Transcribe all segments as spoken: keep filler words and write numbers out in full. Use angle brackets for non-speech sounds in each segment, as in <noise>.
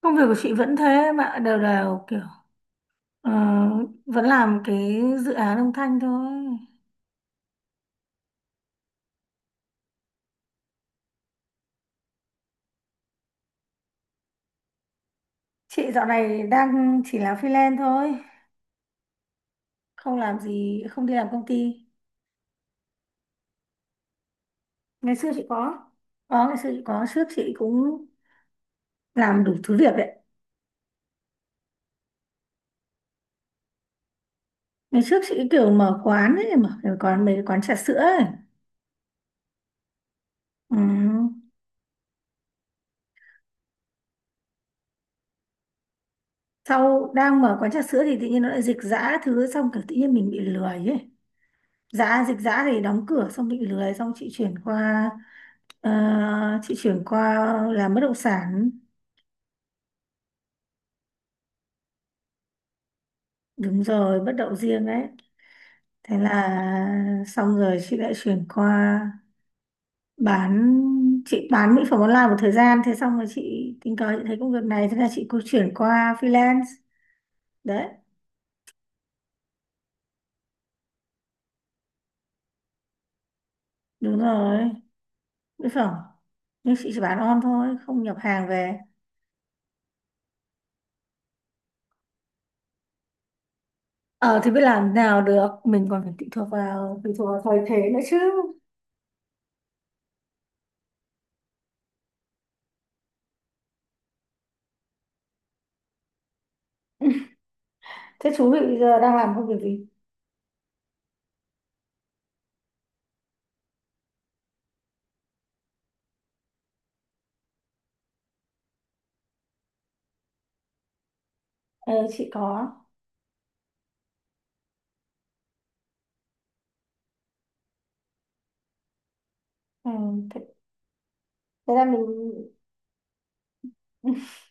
Công việc của chị vẫn thế mà đều đều kiểu ờ, vẫn làm cái dự án âm thanh thôi. Chị dạo này đang chỉ làm freelance thôi, không làm gì, không đi làm công ty. Ngày xưa chị có, có ngày xưa chị có, trước chị cũng làm đủ thứ việc đấy. Ngày trước chị kiểu mở quán ấy, mở cái quán mấy cái quán trà sữa ấy. Ừ. Sau đang mở quán trà sữa thì tự nhiên nó lại dịch giã thứ xong kiểu tự nhiên mình bị lười ấy. Dã dịch dã thì đóng cửa xong bị lười xong chị chuyển qua, ờ, chị chuyển qua làm bất động sản. Đúng rồi, bất động riêng đấy. Thế là xong rồi chị lại chuyển qua bán, chị bán mỹ phẩm online một thời gian. Thế xong rồi chị tình cờ chị thấy công việc này, thế là chị cũng chuyển qua freelance đấy. Đúng rồi, mỹ phẩm, nhưng chị chỉ bán on thôi, không nhập hàng về. Ờ thì biết làm nào được, mình còn phải tùy thuộc vào tùy thuộc vào thời thế nữa chứ. Thế chú bị bây giờ đang làm công việc gì? Ờ, chị có. Ừ, thế, thế là mình <laughs>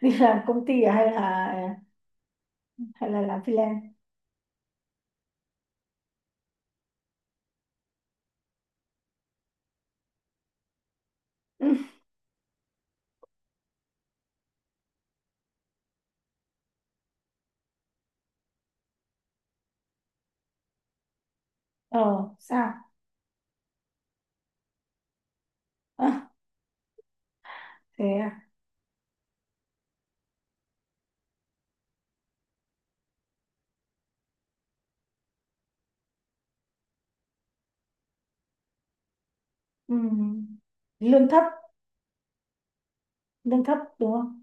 đi làm công ty à? Hay là hay là làm freelance? Ừ. Ờ, sao? Ờ, thế à? Ừ. Lương thấp, lương thấp đúng không?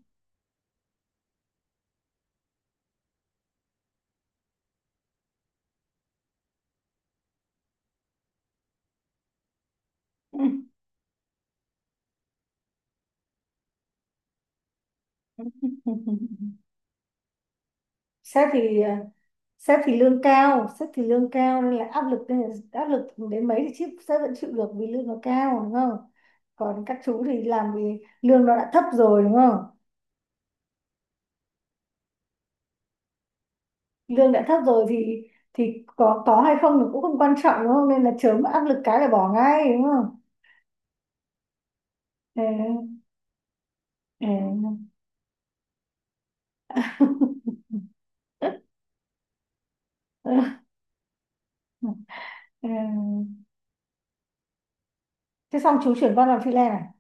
Ừ. <laughs> Sếp thì ờ, sếp thì lương cao, sếp thì lương cao nên là áp lực nên là áp lực đến mấy thì chip sếp vẫn chịu được vì lương nó cao đúng không? Còn các chú thì làm vì lương nó đã thấp rồi đúng không? Lương đã thấp rồi thì thì có có hay không thì cũng không quan trọng đúng không, nên là chớm áp lực cái là bỏ ngay đúng không. Ừ, ừ. Ừ. <laughs> Thế xong chú chuyển con làm freelance à?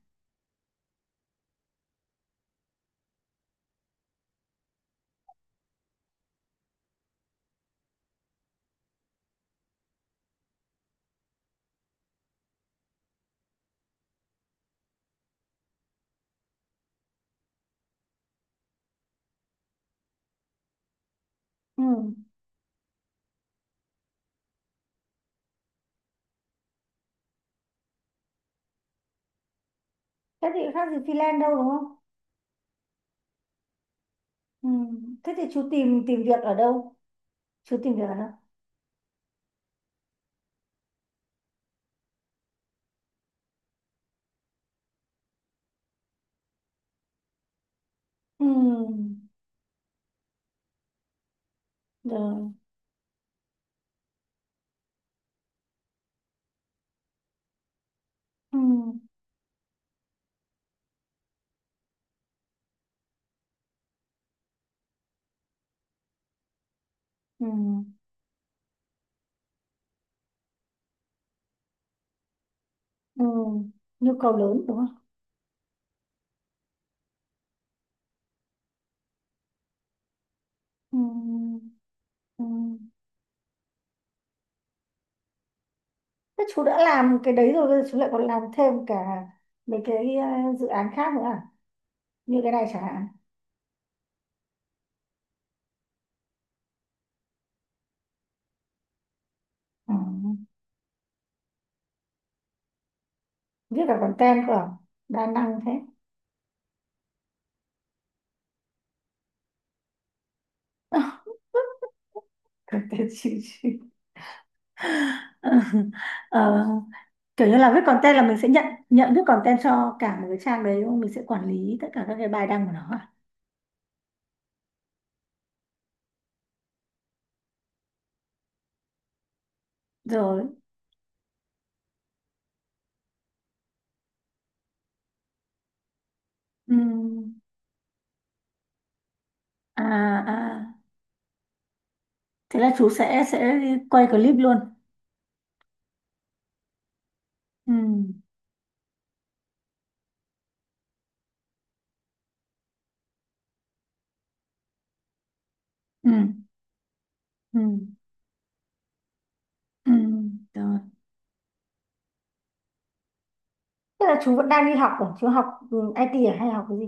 Ừ. Thế thì khác gì freelance đâu đúng không? Ừ. Thế thì chú tìm tìm việc ở đâu? Chú tìm việc ở đâu? Ừ. Rồi. Ừ. Ừ. Ừ. Nhu cầu lớn đúng không? Ừ. Ừ. Thế chú đã làm cái đấy rồi, bây giờ chú lại còn làm thêm cả mấy cái ờ, dự án khác nữa à? Như cái này chẳng hạn. Ừ. Viết cả content cơ à? Đa năng thế. <laughs> Content chịu chịu. <laughs> Ờ, kiểu như là viết content là mình sẽ nhận, nhận viết content cho cả một cái trang đấy đúng không? Mình sẽ quản lý tất cả các cái bài đăng của nó à? Rồi. Ừm. À, à. Thế là chú sẽ sẽ quay clip luôn. Ừ. Ừ. Ừ. Ừ. Rồi. Thế là chú vẫn đang đi học ở chú học ừ, i tê à, hay học cái gì?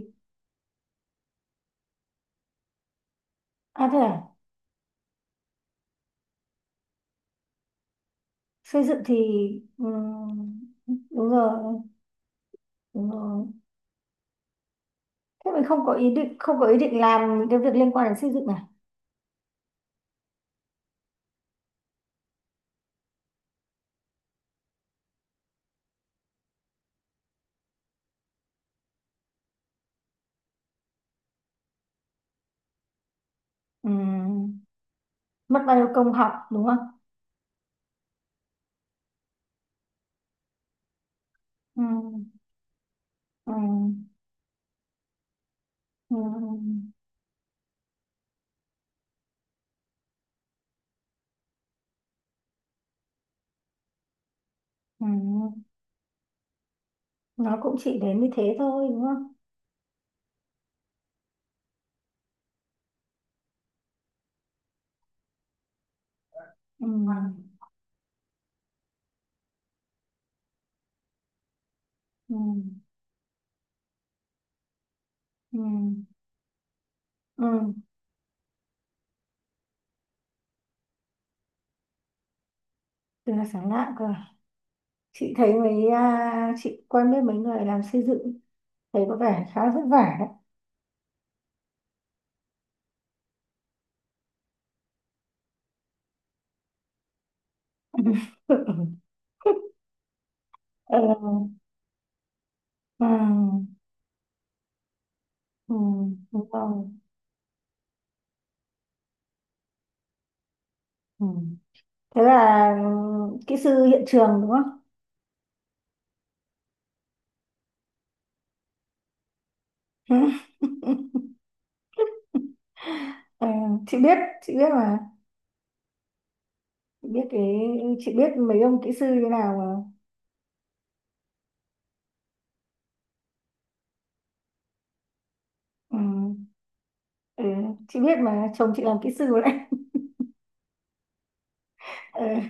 À thế à, xây dựng thì ừm, đúng rồi, đúng rồi. Thế mình không có ý định không có ý định làm những cái việc liên quan đến xây dựng này. Ừm, mất bao nhiêu công học đúng không? Ừm, ừm, ừm, ừm. Nó cũng chỉ đến như thế thôi đúng không? Ừm, ừm, ừm, ừm. Từ là sáng lạ cơ. À? Chị thấy mấy à, chị quen biết mấy người làm xây dựng, thấy có vẻ khá là vất vả. <laughs> Ừ. Ừ. Ừ. Đúng rồi. Ừ. Thế là ừ, kỹ sư hiện trường đúng không? <laughs> Ờ, chị biết, chị biết mà. Chị biết cái, chị biết mấy ông kỹ sư như nào mà. Ừ. Ừ. Chị biết mà chồng chị làm kỹ sư đấy. <laughs> Ừ.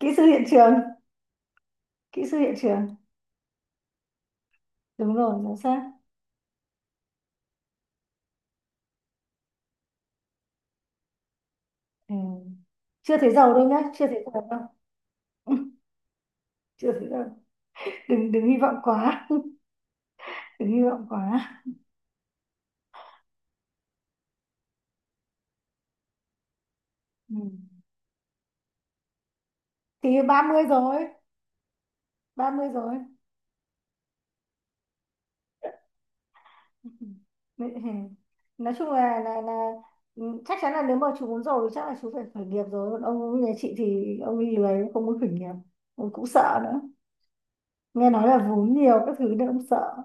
Kỹ sư hiện trường, kỹ sư hiện trường. Đúng rồi, giám sát. Ừ. Chưa thấy giàu đâu nhá, chưa thấy giàu đâu. <laughs> Chưa thấy giàu. Đừng đừng hy vọng quá, đừng hy vọng quá. Ừ. Thì ba mươi rồi. Ba mươi rồi. <laughs> Nói chung là là là ừ, chắc chắn là nếu mà chú muốn giàu thì chắc là chú phải khởi nghiệp rồi, còn ông như nhà chị thì ông đi lười, ông không muốn khởi nghiệp, ông cũng sợ nữa, nghe nói là vốn nhiều các thứ nên ông sợ.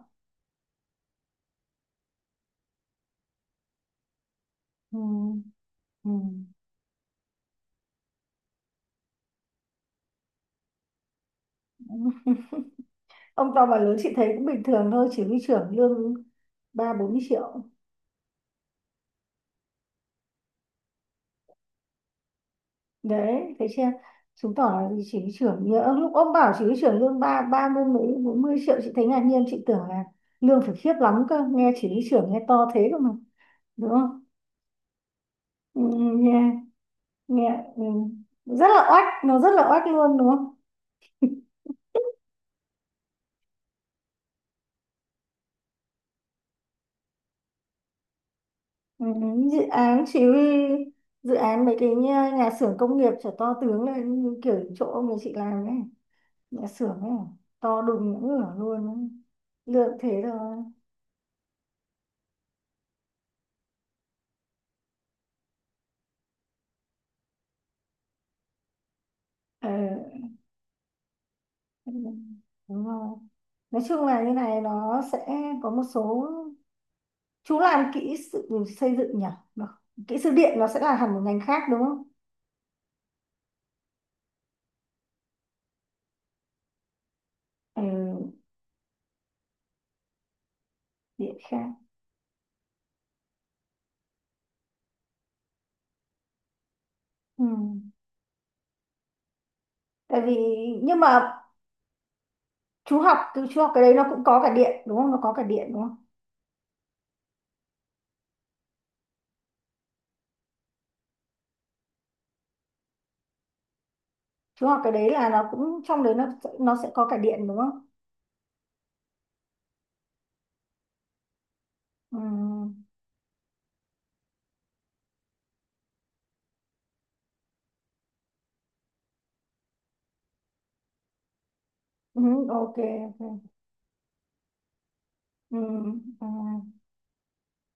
Ừ. Ừ. Ông to bà lớn chị thấy cũng bình thường thôi, chỉ huy trưởng lương ba bốn mươi triệu. Đấy thấy chưa, chứng tỏ là chị cái trưởng nhớ lúc ông bảo chỉ cái trưởng lương ba ba mươi mấy bốn mươi triệu, chị thấy ngạc nhiên, chị tưởng là lương phải khiếp lắm cơ, nghe chỉ cái trưởng nghe to thế cơ mà, đúng không. Ừ, ừ, nghe nghe ừ. Rất là oách, nó rất là oách luôn đúng không. Ừ, ừ. Dự án chỉ huy, dự án mấy cái nhà, nhà xưởng công nghiệp trở to tướng lên như kiểu chỗ ông nhà chị làm ấy, nhà xưởng ấy, to đùng ngửa luôn ấy. Lương thế rồi. Ờ, ừ, đúng rồi. Nói chung là như này nó sẽ có một số chú làm kỹ sự xây dựng nhỉ. Được. Kỹ sư điện nó sẽ là hẳn một ngành khác đúng không. Ừ, điện khác. Ừ. Tại vì nhưng mà chú học từ chú học cái đấy nó cũng có cả điện đúng không, nó có cả điện đúng không, chú học cái đấy là nó cũng trong đấy nó sẽ- nó sẽ có cả điện đúng không. Ừ. Ừ, ok, ok. Ừ. Ừ.